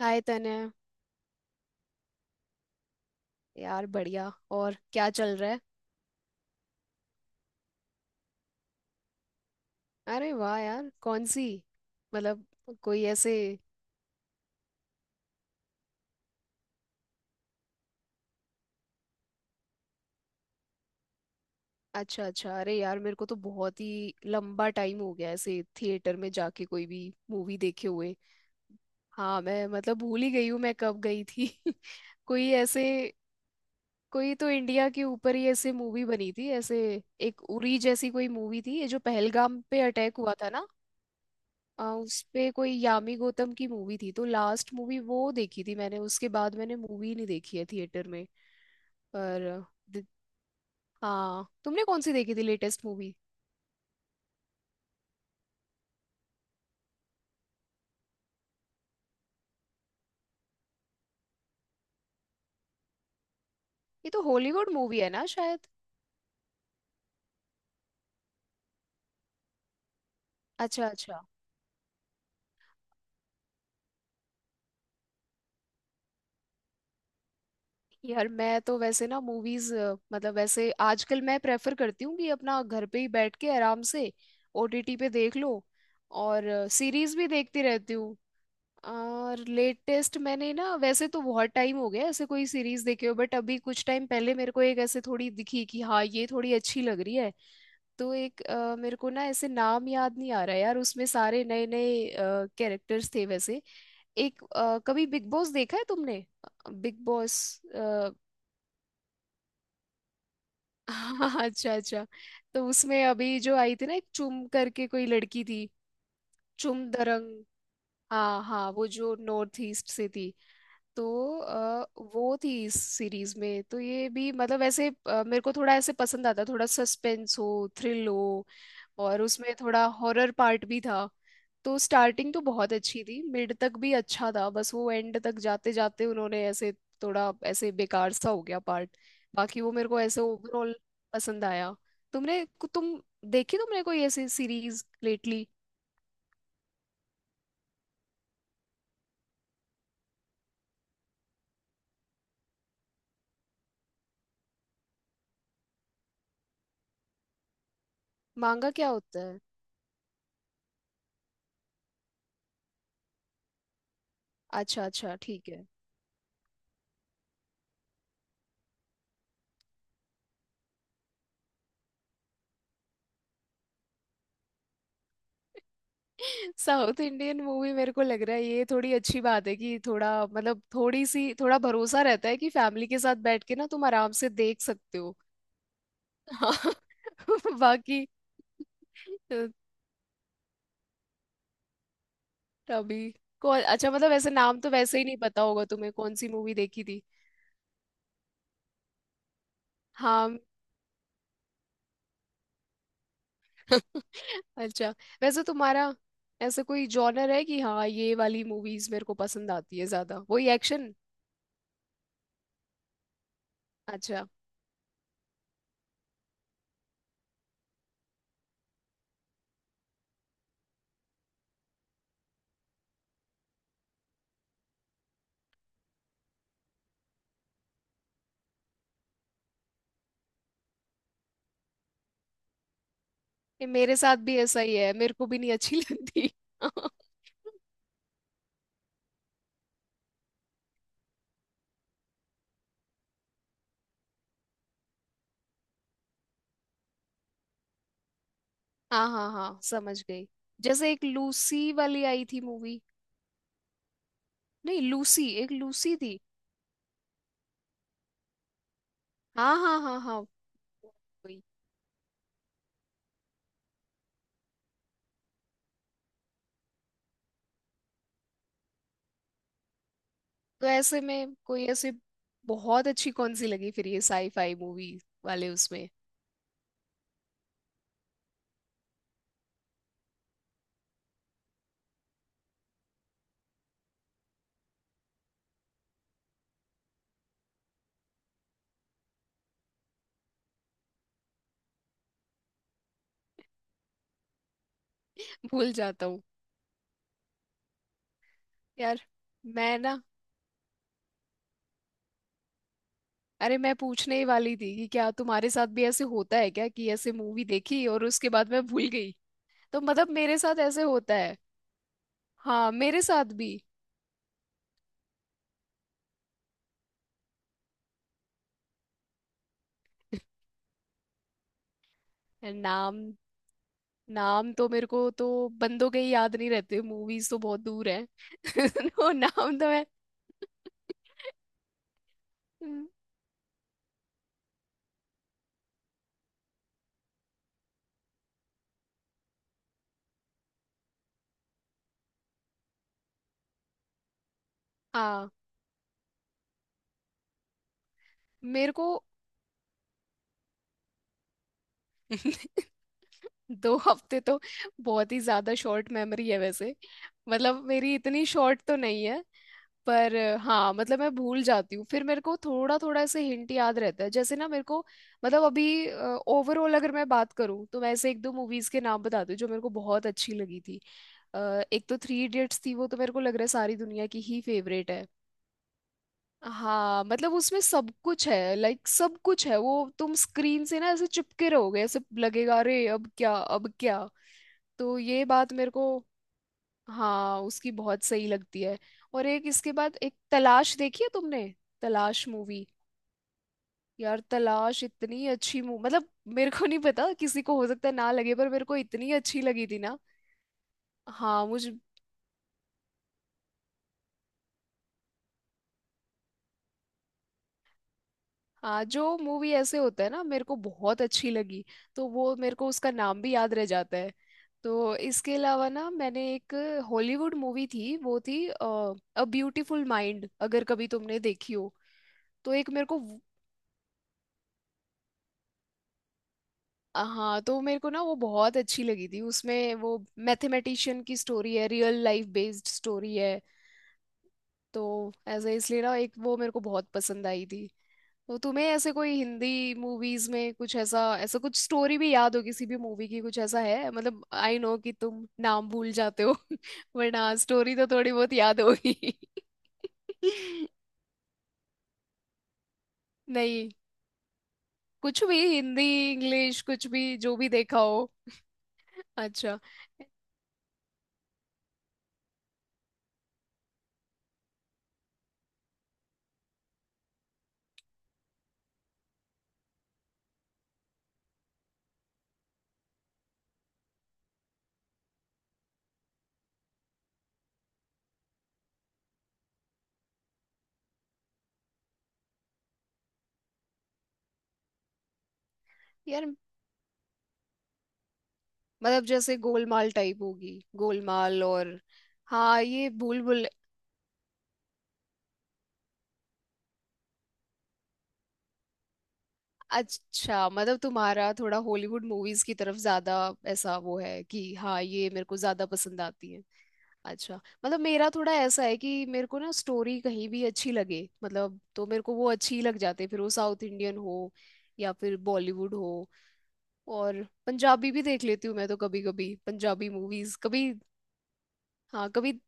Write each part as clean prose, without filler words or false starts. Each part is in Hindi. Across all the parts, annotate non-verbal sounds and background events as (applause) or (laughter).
हाय तने। यार बढ़िया। और क्या चल रहा है? अरे वाह यार! कौन सी? मतलब कोई ऐसे। अच्छा अच्छा। अरे यार, मेरे को तो बहुत ही लंबा टाइम हो गया ऐसे थिएटर में जाके कोई भी मूवी देखे हुए। हाँ, मैं मतलब भूल ही गई हूँ मैं कब गई थी। (laughs) कोई ऐसे। कोई तो इंडिया के ऊपर ही ऐसे मूवी बनी थी ऐसे। एक उरी जैसी कोई मूवी थी, ये जो पहलगाम पे अटैक हुआ था ना। उस पे कोई यामी गौतम की मूवी थी। तो लास्ट मूवी वो देखी थी मैंने, उसके बाद मैंने मूवी नहीं देखी है थिएटर में। पर दि- हाँ, तुमने कौन सी देखी थी लेटेस्ट मूवी? ये तो हॉलीवुड मूवी है ना, शायद। अच्छा अच्छा। यार मैं तो वैसे ना मूवीज, मतलब वैसे आजकल मैं प्रेफर करती हूँ कि अपना घर पे ही बैठ के आराम से ओटीटी पे देख लो। और सीरीज भी देखती रहती हूँ। और लेटेस्ट मैंने ना, वैसे तो बहुत टाइम हो गया ऐसे कोई सीरीज देखे हो, बट अभी कुछ टाइम पहले मेरे को एक ऐसे थोड़ी दिखी कि हाँ ये थोड़ी अच्छी लग रही है। तो एक मेरे को ना ऐसे नाम याद नहीं आ रहा यार, उसमें सारे नए नए कैरेक्टर्स थे वैसे। एक कभी बिग बॉस देखा है तुमने? बिग बॉस, हाँ। (laughs) अच्छा अच्छा। तो उसमें अभी जो आई थी ना, एक चुम करके कोई लड़की थी, चुम दरंग। हाँ हाँ, वो जो नॉर्थ ईस्ट से थी। तो वो थी इस सीरीज में। तो ये भी मतलब ऐसे मेरे को थोड़ा ऐसे पसंद आता, थोड़ा सस्पेंस हो, थ्रिल हो, और उसमें थोड़ा हॉरर पार्ट भी था। तो स्टार्टिंग तो बहुत अच्छी थी, मिड तक भी अच्छा था, बस वो एंड तक जाते जाते उन्होंने ऐसे थोड़ा ऐसे बेकार सा हो गया पार्ट। बाकी वो मेरे को ऐसे ओवरऑल पसंद आया। तुमने तुम देखी तुमने कोई ऐसी सीरीज लेटली? मांगा क्या होता है? अच्छा अच्छा, ठीक है। साउथ इंडियन मूवी मेरे को लग रहा है ये थोड़ी अच्छी बात है कि थोड़ा मतलब थोड़ी सी, थोड़ा भरोसा रहता है कि फैमिली के साथ बैठ के ना तुम आराम से देख सकते हो। हाँ। (laughs) बाकी तो तभी को अच्छा, मतलब ऐसे नाम तो वैसे ही नहीं पता होगा तुम्हें कौन सी मूवी देखी थी। हाँ। (laughs) अच्छा, वैसे तुम्हारा ऐसे कोई जॉनर है कि हाँ ये वाली मूवीज मेरे को पसंद आती है ज्यादा, वही एक्शन? अच्छा, ये मेरे साथ भी ऐसा ही है, मेरे को भी नहीं अच्छी (laughs) लगती। हाँ हाँ हाँ, समझ गई। जैसे एक लूसी वाली आई थी मूवी। नहीं, लूसी, एक लूसी थी। हाँ हाँ हाँ हाँ, वही। तो ऐसे में कोई ऐसे बहुत अच्छी कौन सी लगी फिर ये साईफाई मूवी वाले उसमें? भूल जाता हूँ यार मैं ना। अरे मैं पूछने ही वाली थी कि क्या तुम्हारे साथ भी ऐसे होता है क्या, कि ऐसे मूवी देखी और उसके बाद मैं भूल गई। तो मतलब मेरे साथ ऐसे होता है। हाँ मेरे साथ भी। नाम, नाम तो मेरे को तो बंदों के ही याद नहीं रहते, मूवीज तो बहुत दूर है। (laughs) तो नाम तो मैं, हाँ मेरे को। (laughs) (laughs) 2 हफ्ते तो, बहुत ही ज्यादा शॉर्ट मेमोरी है वैसे। मतलब मेरी इतनी शॉर्ट तो नहीं है। पर हाँ मतलब मैं भूल जाती हूँ, फिर मेरे को थोड़ा थोड़ा ऐसे हिंट याद रहता है जैसे ना मेरे को। मतलब अभी ओवरऑल अगर मैं बात करूँ, तो मैं ऐसे एक दो मूवीज के नाम बताती हूँ जो मेरे को बहुत अच्छी लगी थी। अ, एक तो थ्री इडियट्स थी, वो तो मेरे को लग रहा है सारी दुनिया की ही फेवरेट है। हाँ मतलब उसमें सब कुछ है, लाइक सब कुछ है। वो तुम स्क्रीन से ना ऐसे चिपके रहोगे, ऐसे लगेगा अरे अब क्या अब क्या। तो ये बात मेरे को, हाँ उसकी बहुत सही लगती है। और एक इसके बाद, एक तलाश देखी है तुमने? तलाश मूवी। यार तलाश इतनी अच्छी मूवी मतलब, मेरे को नहीं पता किसी को हो सकता है ना लगे, पर मेरे को इतनी अच्छी लगी थी ना। हाँ मुझे जो मूवी ऐसे होता है ना मेरे को बहुत अच्छी लगी, तो वो मेरे को उसका नाम भी याद रह जाता है। तो इसके अलावा ना मैंने एक हॉलीवुड मूवी थी, वो थी अ ब्यूटीफुल माइंड, अगर कभी तुमने देखी हो। तो एक मेरे को हाँ, तो मेरे को ना वो बहुत अच्छी लगी थी, उसमें वो मैथमेटिशियन की स्टोरी है, रियल लाइफ बेस्ड स्टोरी है। तो ऐसे इसलिए ना एक वो मेरे को बहुत पसंद आई थी। तो तुम्हें ऐसे कोई हिंदी मूवीज में कुछ ऐसा ऐसा कुछ स्टोरी भी याद हो किसी भी मूवी की? कुछ ऐसा है, मतलब आई नो कि तुम नाम भूल जाते हो। (laughs) वरना स्टोरी तो थोड़ी बहुत याद होगी। (laughs) नहीं, कुछ भी हिंदी इंग्लिश कुछ भी जो भी देखा हो। अच्छा। यार मतलब जैसे गोलमाल टाइप होगी, गोलमाल और हाँ ये भूल भुल। अच्छा मतलब तुम्हारा थोड़ा हॉलीवुड मूवीज की तरफ ज्यादा, ऐसा वो है कि हाँ ये मेरे को ज्यादा पसंद आती है? अच्छा। मतलब मेरा थोड़ा ऐसा है कि मेरे को ना स्टोरी कहीं भी अच्छी लगे मतलब, तो मेरे को वो अच्छी लग जाती है, फिर वो साउथ इंडियन हो या फिर बॉलीवुड हो। और पंजाबी भी देख लेती हूँ मैं तो, कभी कभी पंजाबी मूवीज कभी। हाँ कभी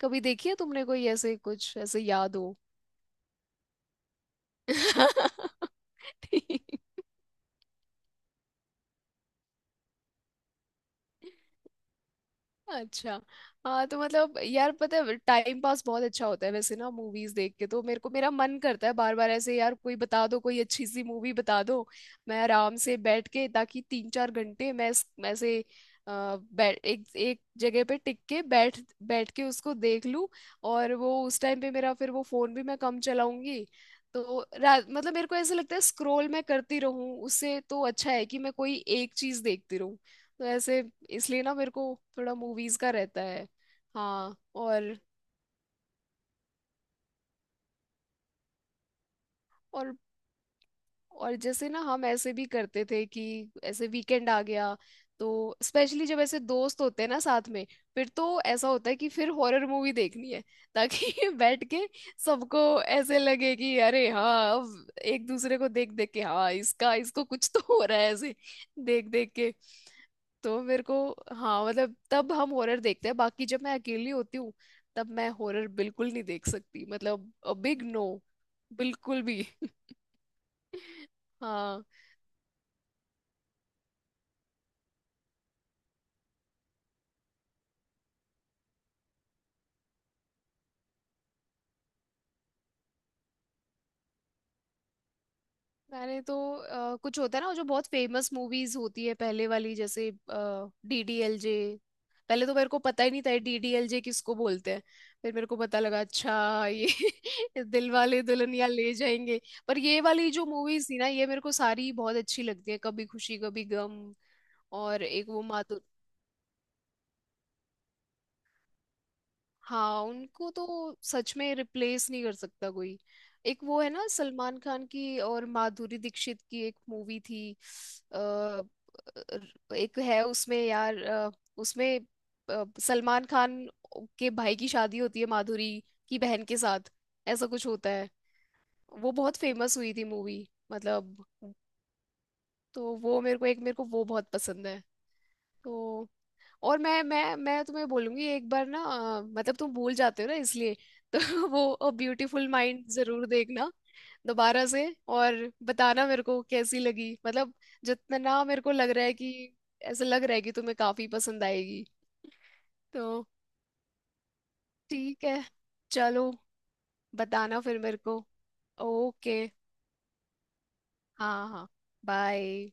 कभी देखी है तुमने कोई ऐसे, कुछ ऐसे याद हो? (laughs) ठीक, अच्छा। हाँ तो मतलब यार पता है टाइम पास बहुत अच्छा होता है वैसे ना मूवीज देख के, तो मेरे को मेरा मन करता है बार बार ऐसे, यार कोई बता दो कोई अच्छी सी मूवी बता दो। मैं आराम से बैठ के, ताकि 3-4 घंटे मैं मैं ऐसे अ, एक एक जगह पे टिक के बैठ बैठ के उसको देख लूं। और वो उस टाइम पे मेरा फिर वो फोन भी मैं कम चलाऊंगी। तो मतलब मेरे को ऐसा लगता है स्क्रोल मैं करती रहूं उससे तो अच्छा है कि मैं कोई एक चीज देखती रहूं। तो ऐसे इसलिए ना मेरे को थोड़ा मूवीज का रहता है। हाँ। और और और जैसे ना हम ऐसे भी करते थे कि ऐसे वीकेंड आ गया, तो स्पेशली जब ऐसे दोस्त होते हैं ना साथ में, फिर तो ऐसा होता है कि फिर हॉरर मूवी देखनी है। ताकि (laughs) बैठ के सबको ऐसे लगे कि अरे हाँ, अब एक दूसरे को देख देख के, हाँ इसका इसको कुछ तो हो रहा है ऐसे देख देख के। तो मेरे को, हाँ मतलब तब हम हॉरर देखते हैं। बाकी जब मैं अकेली होती हूँ, तब मैं हॉरर बिल्कुल नहीं देख सकती मतलब, बिग नो, बिल्कुल भी। (laughs) हाँ। मैंने तो कुछ होता है ना वो जो बहुत फेमस मूवीज होती है पहले वाली, जैसे डीडीएलजे। पहले तो मेरे को पता ही नहीं था डीडीएलजे किसको बोलते हैं, फिर मेरे को पता लगा अच्छा ये (laughs) दिल वाले दुल्हनिया ले जाएंगे। पर ये वाली जो मूवीज थी ना ये मेरे को सारी बहुत अच्छी लगती है, कभी खुशी कभी गम और एक वो माँ। हाँ उनको तो सच में रिप्लेस नहीं कर सकता कोई। एक वो है ना सलमान खान की और माधुरी दीक्षित की एक मूवी थी। अ, अ, एक है उसमें यार, उसमें सलमान खान के भाई की शादी होती है माधुरी की बहन के साथ, ऐसा कुछ होता है। वो बहुत फेमस हुई थी मूवी मतलब, तो वो मेरे को, एक मेरे को वो बहुत पसंद है। तो और मैं तुम्हें बोलूंगी एक बार ना, मतलब तुम भूल जाते हो ना इसलिए। (laughs) तो वो ब्यूटीफुल माइंड जरूर देखना दोबारा से, और बताना मेरे को कैसी लगी मतलब। जितना ना मेरे को लग रहा है कि, ऐसा लग रहा है कि तुम्हें काफी पसंद आएगी। तो ठीक है, चलो बताना फिर मेरे को। ओके। हाँ हाँ, बाय।